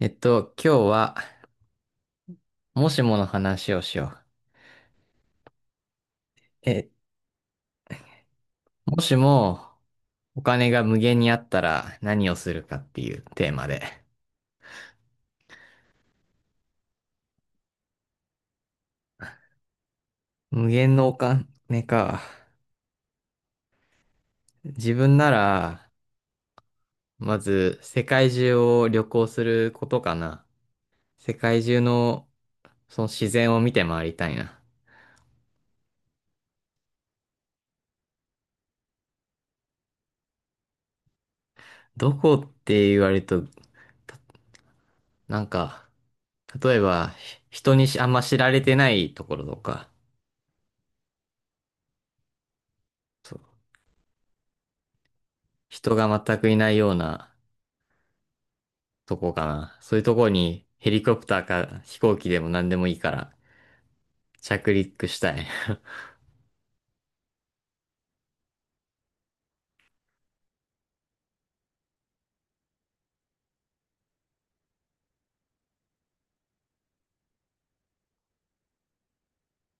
今日は、もしもの話をしよう。え、もしも、お金が無限にあったら何をするかっていうテーマで。無限のお金か。自分なら、まず、世界中を旅行することかな。世界中の、その自然を見て回りたいな。どこって言われると、たなんか、例えば、人にあんま知られてないところとか、そう。人が全くいないような、とこかな。そういうとこにヘリコプターか飛行機でも何でもいいから着陸したい。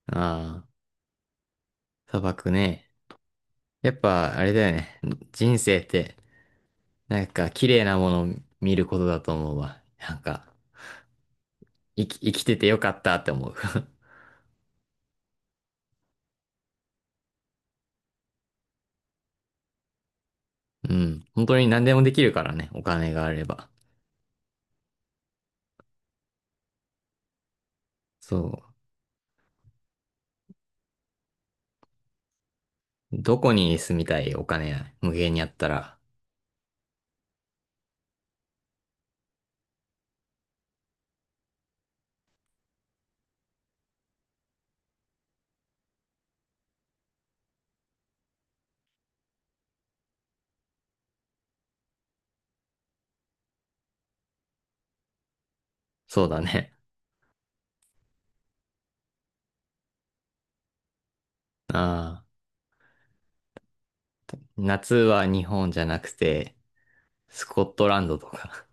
ああ、砂漠ね。やっぱあれだよね。人生ってなんか綺麗なものを見ることだと思うわ。なんか生きててよかったって思う。うん。本当に何でもできるからね。お金があれば。そう。どこに住みたいお金無限にあったら？そうだね。ああ。夏は日本じゃなくて、スコットランドとか。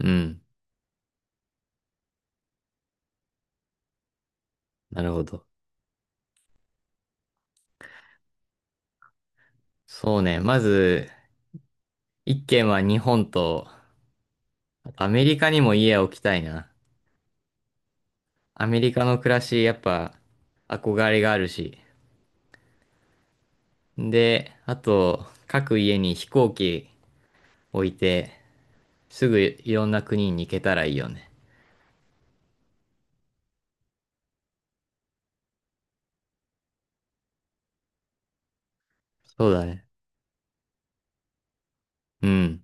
うん。なるほど。そうね。まず、一軒は日本と、あとアメリカにも家を置きたいな。アメリカの暮らし、やっぱ、憧れがあるし。で、あと、各家に飛行機置いて、すぐいろんな国に行けたらいいよね。そうだね。うん。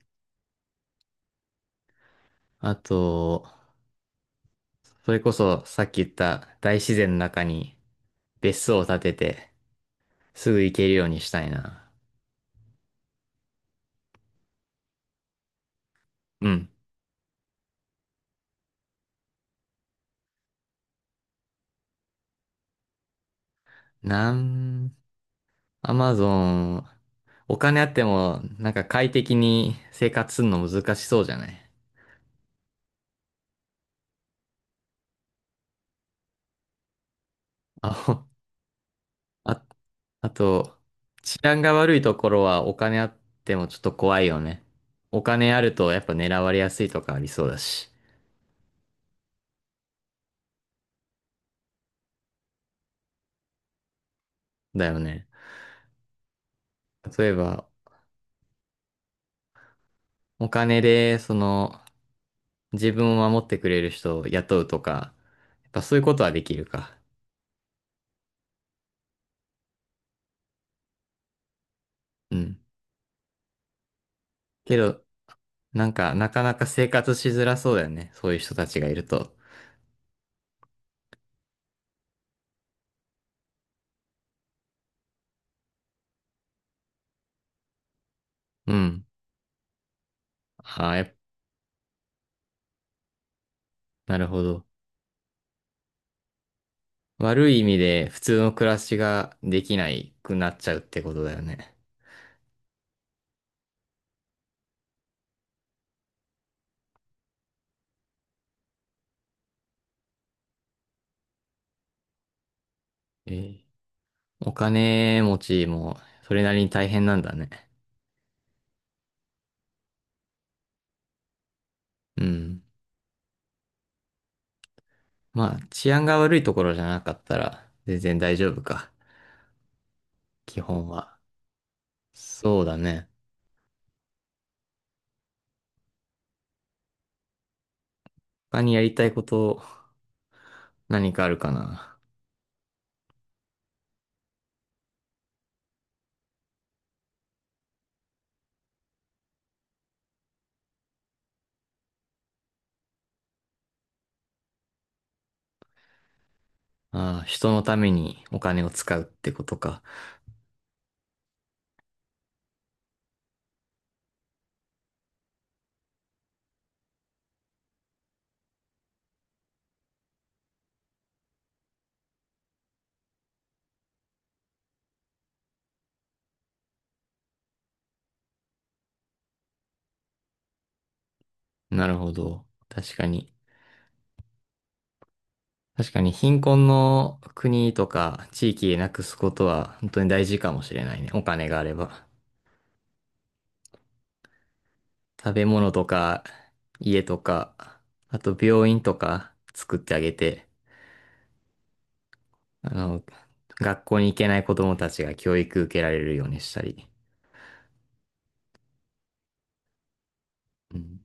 あと、それこそ、さっき言った大自然の中に別荘を建てて、すぐ行けるようにしたいな。うん。なん、アマゾン、お金あっても、なんか快適に生活するの難しそうじゃない？ あ、ほあ、あと、治安が悪いところはお金あってもちょっと怖いよね。お金あるとやっぱ狙われやすいとかありそうだし。だよね。例えば、お金で、その、自分を守ってくれる人を雇うとか、やっぱそういうことはできるか？うん。けど、なんか、なかなか生活しづらそうだよね。そういう人たちがいると。うん。ああ、なるほど。悪い意味で普通の暮らしができないくなっちゃうってことだよね。ええ、お金持ちもそれなりに大変なんだね。うん。まあ、治安が悪いところじゃなかったら全然大丈夫か。基本は。そうだね。他にやりたいこと何かあるかな？ああ、人のためにお金を使うってことか。なるほど。確かに。確かに貧困の国とか地域なくすことは本当に大事かもしれないね。お金があれば。食べ物とか家とか、あと病院とか作ってあげて、あの、学校に行けない子供たちが教育受けられるようにしたり。うん。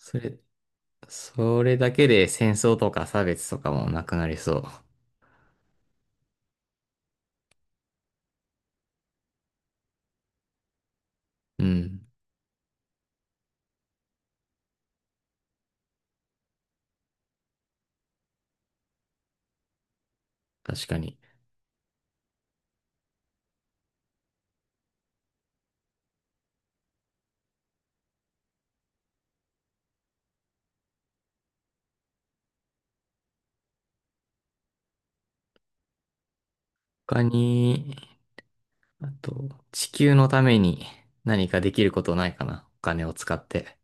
それ、それだけで戦争とか差別とかもなくなりそう。うん。確かに。他に、あと、地球のために何かできることないかな？お金を使って。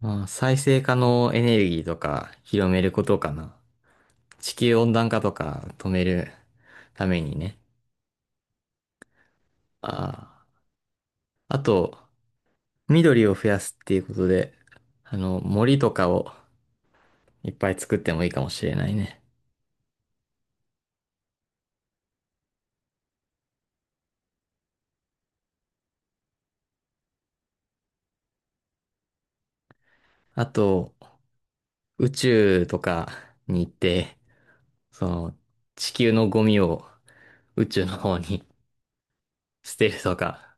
まあ、再生可能エネルギーとか広めることかな。地球温暖化とか止めるためにね。ああ。あと、緑を増やすっていうことで、あの、森とかをいっぱい作ってもいいかもしれないね。あと、宇宙とかに行って、その、地球のゴミを宇宙の方に 捨てるとか、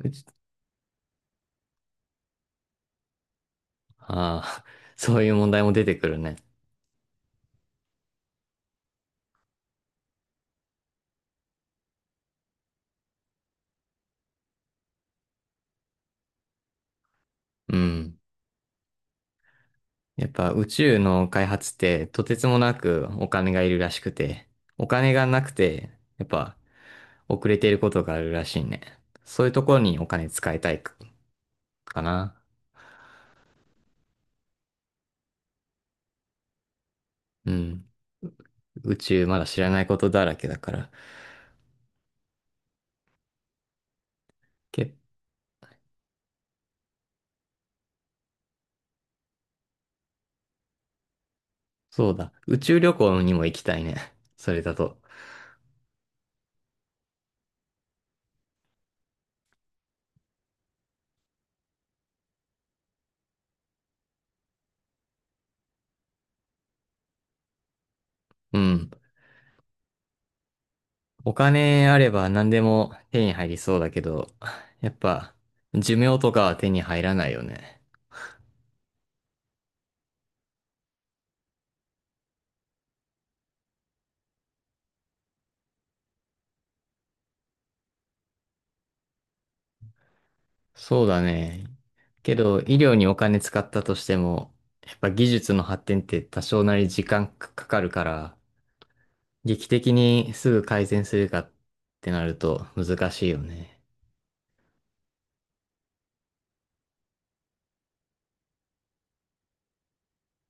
宇宙ああ、そういう問題も出てくるね。うん。やっぱ宇宙の開発ってとてつもなくお金がいるらしくて、お金がなくて、やっぱ遅れていることがあるらしいね。そういうところにお金使いたいかな。うん。宇宙まだ知らないことだらけだから。け、そうだ。宇宙旅行にも行きたいね。それだと。うん。お金あれば何でも手に入りそうだけど、やっぱ寿命とかは手に入らないよね。そうだね。けど、医療にお金使ったとしても、やっぱ技術の発展って多少なり時間かかるから、劇的にすぐ改善するかってなると難しいよね。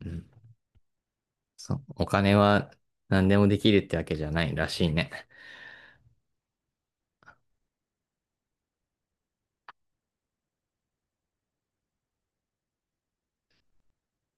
うん。そう。お金は何でもできるってわけじゃないらしいね。